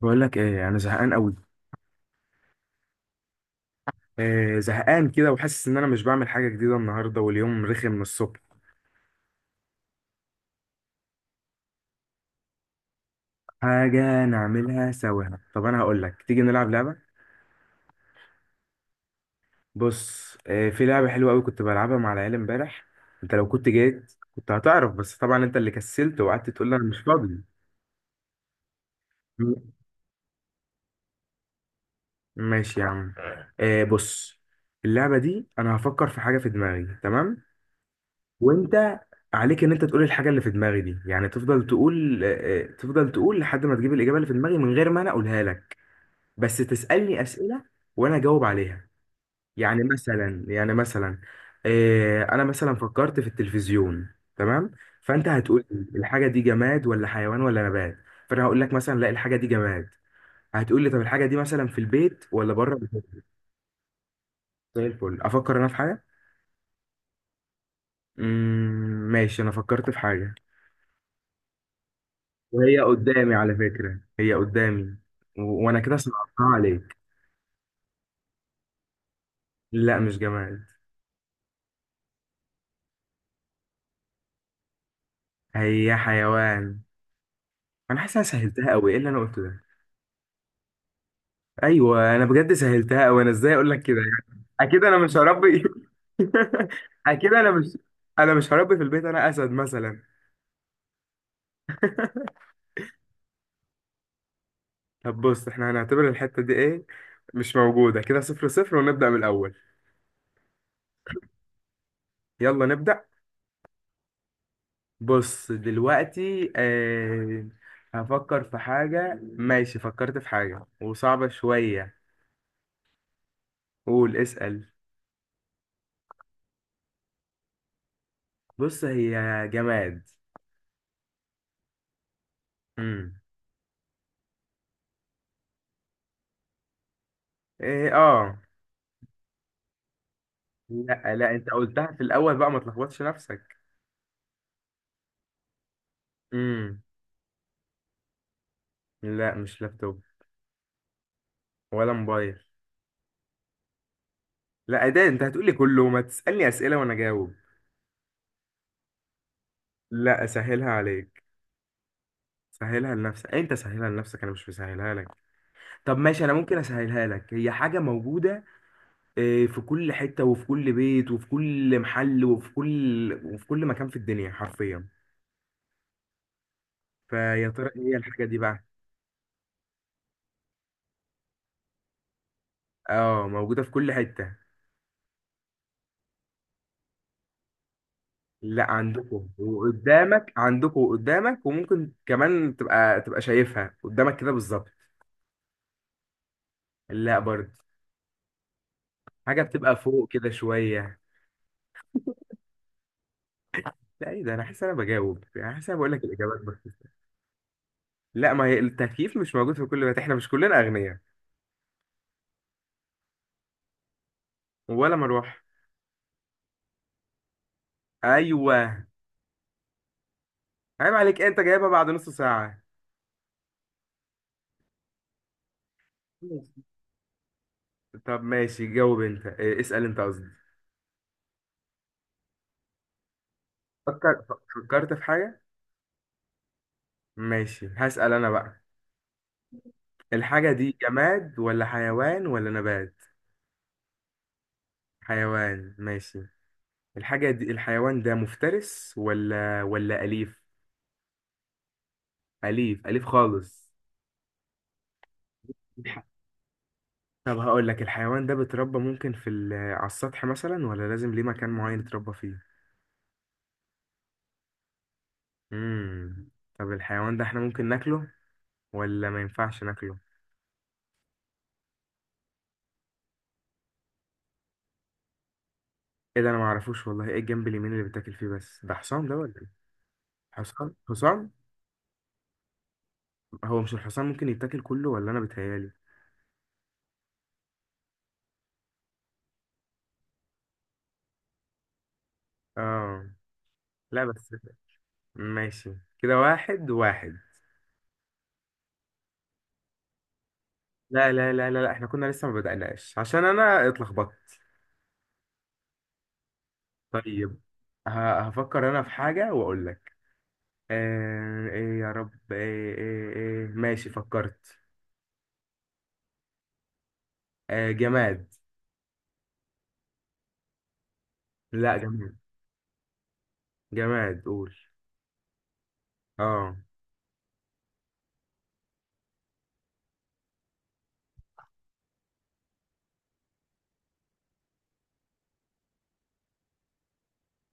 بقول لك ايه؟ انا زهقان قوي. إيه، زهقان كده وحاسس ان انا مش بعمل حاجه جديده النهارده واليوم رخم من الصبح. حاجه نعملها سوا؟ طب انا هقول لك، تيجي نلعب لعبه. بص، إيه، في لعبه حلوه قوي كنت بلعبها مع العيال امبارح. انت لو كنت جيت كنت هتعرف، بس طبعا انت اللي كسلت وقعدت تقول لي انا مش فاضي. م- ماشي يا عم. إيه، بص. اللعبه دي انا هفكر في حاجه في دماغي، تمام؟ وانت عليك ان انت تقول الحاجه اللي في دماغي دي، يعني تفضل تقول آه، آه، تفضل تقول لحد ما تجيب الاجابه اللي في دماغي من غير ما انا اقولها لك. بس تسالني اسئله وانا اجاوب عليها. يعني مثلا، انا مثلا فكرت في التلفزيون، تمام؟ فانت هتقول لي الحاجه دي جماد ولا حيوان ولا نبات؟ فانا هقول لك مثلا لا، الحاجه دي جماد. هتقول لي طب الحاجه دي مثلا في البيت ولا بره البيت؟ زي الفل، افكر انا في حاجه. ماشي، انا فكرت في حاجه وهي قدامي، على فكرة هي قدامي. وانا كده صعبتها عليك. لا، مش جماد، هي حيوان. انا حاسس انا سهلتها قوي، ايه اللي انا قلته ده؟ ايوه، انا بجد سهلتها قوي، انا ازاي اقول لك كده؟ يعني اكيد انا مش هربي. اكيد انا مش. انا مش هربي في البيت، انا اسد مثلا. طب بص، احنا هنعتبر الحتة دي ايه؟ مش موجودة، كده 0-0 ونبدأ من الاول. يلا نبدأ. بص دلوقتي، هفكر في حاجة. ماشي، فكرت في حاجة وصعبة شوية. قول، اسأل. بص، هي جماد. امم. ايه، اه. لا لا، انت قلتها في الأول بقى، ما تلخبطش نفسك. امم. لا، مش لابتوب. ولا موبايل. لا، ده انت هتقولي كله، ما تسألني أسئلة وانا جاوب. لا، اسهلها عليك. سهلها لنفسك، انت سهلها لنفسك، انا مش مسهلها لك. طب ماشي، انا ممكن اسهلها لك. هي حاجة موجودة، إيه، في كل حتة وفي كل بيت وفي كل محل وفي كل مكان في الدنيا حرفيا. فيا ترى ايه هي الحاجة دي بقى؟ اه، موجودة في كل حتة. لا، عندكم وقدامك، عندكم وقدامك، وممكن كمان تبقى شايفها قدامك كده بالظبط. لا برضه. حاجة بتبقى فوق كده شوية. لا، ايه ده، انا حاسس إن انا بجاوب، يعني حاسس إن انا بقول لك الاجابات بس. لا، ما هي التكييف مش موجود في كل بيت، احنا مش كلنا اغنياء. ولا مروح. ايوه. عيب عليك، انت جايبها بعد نص ساعة. طب ماشي، جاوب انت، إيه، اسأل انت قصدي. فكر. فكرت في حاجة. ماشي، هسأل انا بقى. الحاجة دي جماد ولا حيوان ولا نبات؟ حيوان، ماشي. الحاجة دي، الحيوان ده مفترس ولا أليف؟ أليف، أليف خالص. الح- طب هقول لك، الحيوان ده بيتربى ممكن على السطح مثلا ولا لازم ليه مكان معين يتربى فيه؟ امم. طب الحيوان ده احنا ممكن ناكله ولا ما ينفعش ناكله؟ ايه ده، انا ما اعرفوش والله، ايه الجنب اليمين اللي بتاكل فيه بس؟ ده حصان ده ولا إيه؟ حصان، حصان. هو مش الحصان ممكن يتاكل كله، ولا انا بتهيالي؟ اه. لا بس. ماشي، كده واحد واحد. لا لا لا لا, لا. احنا كنا لسه ما بدأناش عشان انا اتلخبطت. طيب. هفكر انا في حاجة واقول لك. آه، ايه يا رب، ايه ايه ايه، ماشي فكرت. آه، جماد. لا، جماد. جماد، قول. اه.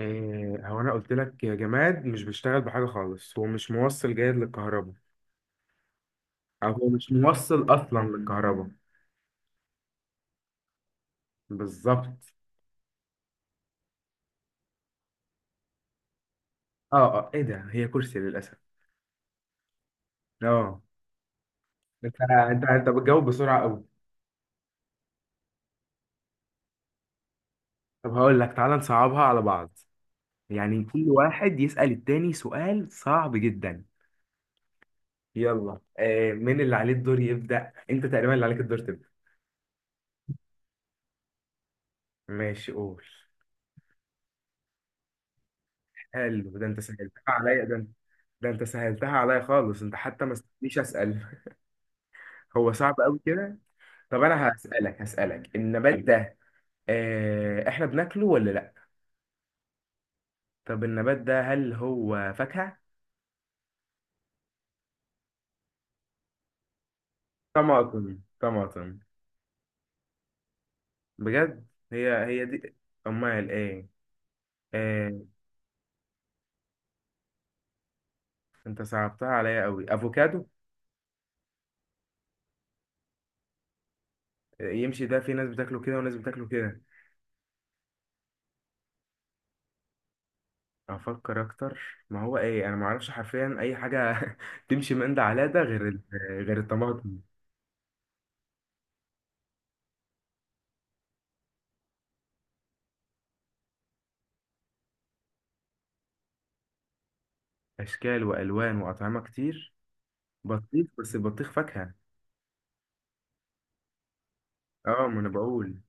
إيه، هو انا قلت لك يا جماد مش بيشتغل بحاجة خالص، هو مش موصل جيد للكهرباء، او هو مش موصل اصلا للكهرباء. بالظبط. اه، اه، ايه ده، هي كرسي للاسف. اه. انت بتجاوب بسرعه قوي. طب هقول لك، تعالى نصعبها على بعض، يعني كل واحد يسأل التاني سؤال صعب جدا. يلا، مين اللي عليه الدور يبدأ؟ انت تقريبا اللي عليك الدور تبدأ. ماشي، قول. حلو، ده انت سهلتها عليا، ده انت سهلتها عليا خالص، انت حتى ما استنيش اسأل. هو صعب قوي كده. طب انا هسألك النبات ده، احنا بناكله ولا لا؟ طب النبات ده هل هو فاكهة؟ طماطم، طماطم. بجد؟ هي هي دي. امال ايه؟ آه، انت صعبتها عليا قوي. افوكادو. يمشي ده، في ناس بتاكله كده وناس بتاكله كده. افكر اكتر. ما هو ايه، انا ما اعرفش حرفيا اي حاجه تمشي من ده على ده غير غير الطماطم. اشكال والوان واطعمه كتير. بطيخ، بس البطيخ فاكهه. اه، ما انا بقول.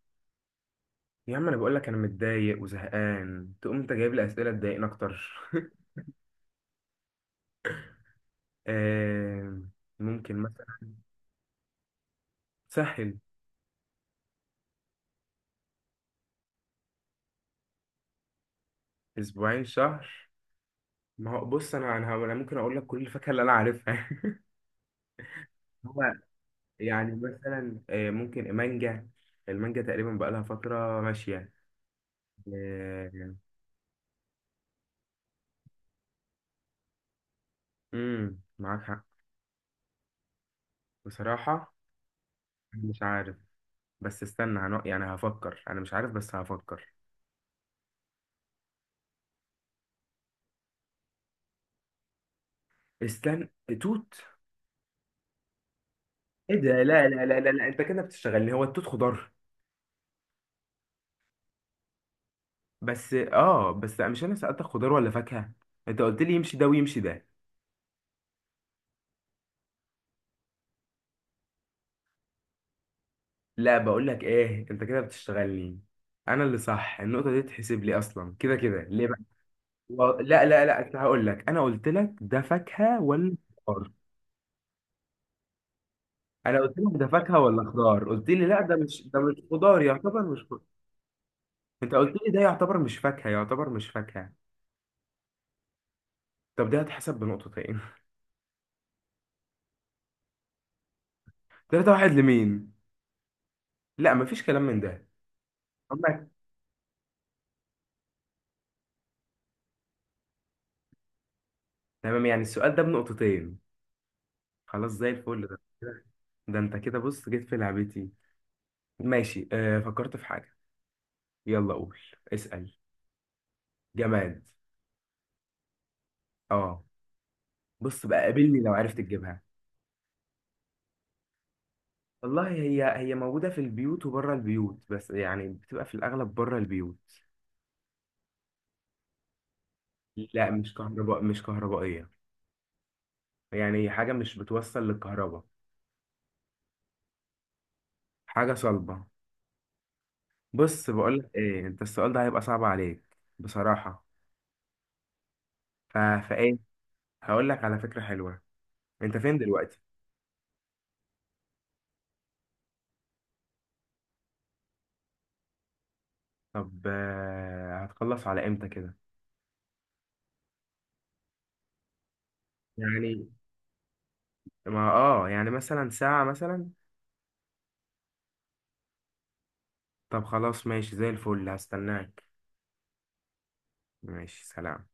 يا عم انا بقول لك انا متضايق وزهقان، تقوم انت جايب لي اسئله تضايقني اكتر. آه ممكن مثلا. سهل. اسبوعين، شهر. ما هو بص، انا انا أنا ممكن اقول لك كل الفاكهه اللي انا عارفها. هو، يعني مثلا، ممكن مانجا. المانجا تقريبا بقالها فتره ماشيه. آه. معاك حق. بصراحه، مش عارف. بس استنى، يعني هفكر، انا مش عارف، بس هفكر. استنى. توت. ايه ده، لا لا لا لا, لا. انت كده بتشتغلني، هو التوت خضار؟ بس مش انا سألتك خضار ولا فاكهه؟ انت قلت لي يمشي ده ويمشي ده. لا، بقول لك ايه، انت كده بتشتغلني. انا اللي صح، النقطه دي تحسب لي اصلا، كده كده ليه بقى؟ لا لا لا، أنت هقول لك، انا قلت لك ده فاكهه ولا خضار؟ انا قلت لك ده فاكهه ولا خضار، قلت لي لا ده مش خضار يعتبر مش خضار. انت قلت لي ده يعتبر مش فاكهه، يعتبر مش فاكهه. طب ده هتحسب بنقطتين. 3-1 لمين؟ لا، مفيش كلام من ده. عمك- تمام، يعني السؤال ده بنقطتين. خلاص، زي الفل، ده انت كده، بص جيت في لعبتي. ماشي، فكرت في حاجه. يلا قول. اسأل. جماد. اه. بص بقى، قابلني لو عرفت تجيبها. والله هي هي موجودة في البيوت وبره البيوت، بس يعني بتبقى في الأغلب بره البيوت. لا، مش كهرباء، مش كهربائية، يعني حاجة مش بتوصل للكهرباء. حاجة صلبة. بص بقولك ايه، انت السؤال ده هيبقى صعب عليك، بصراحة. فايه؟ هقولك على فكرة حلوة. انت فين دلوقتي؟ طب هتخلص على امتى كده؟ يعني، ما يعني مثلا ساعة مثلا. طب خلاص، ماشي، زي الفل، هستناك. ماشي، سلام.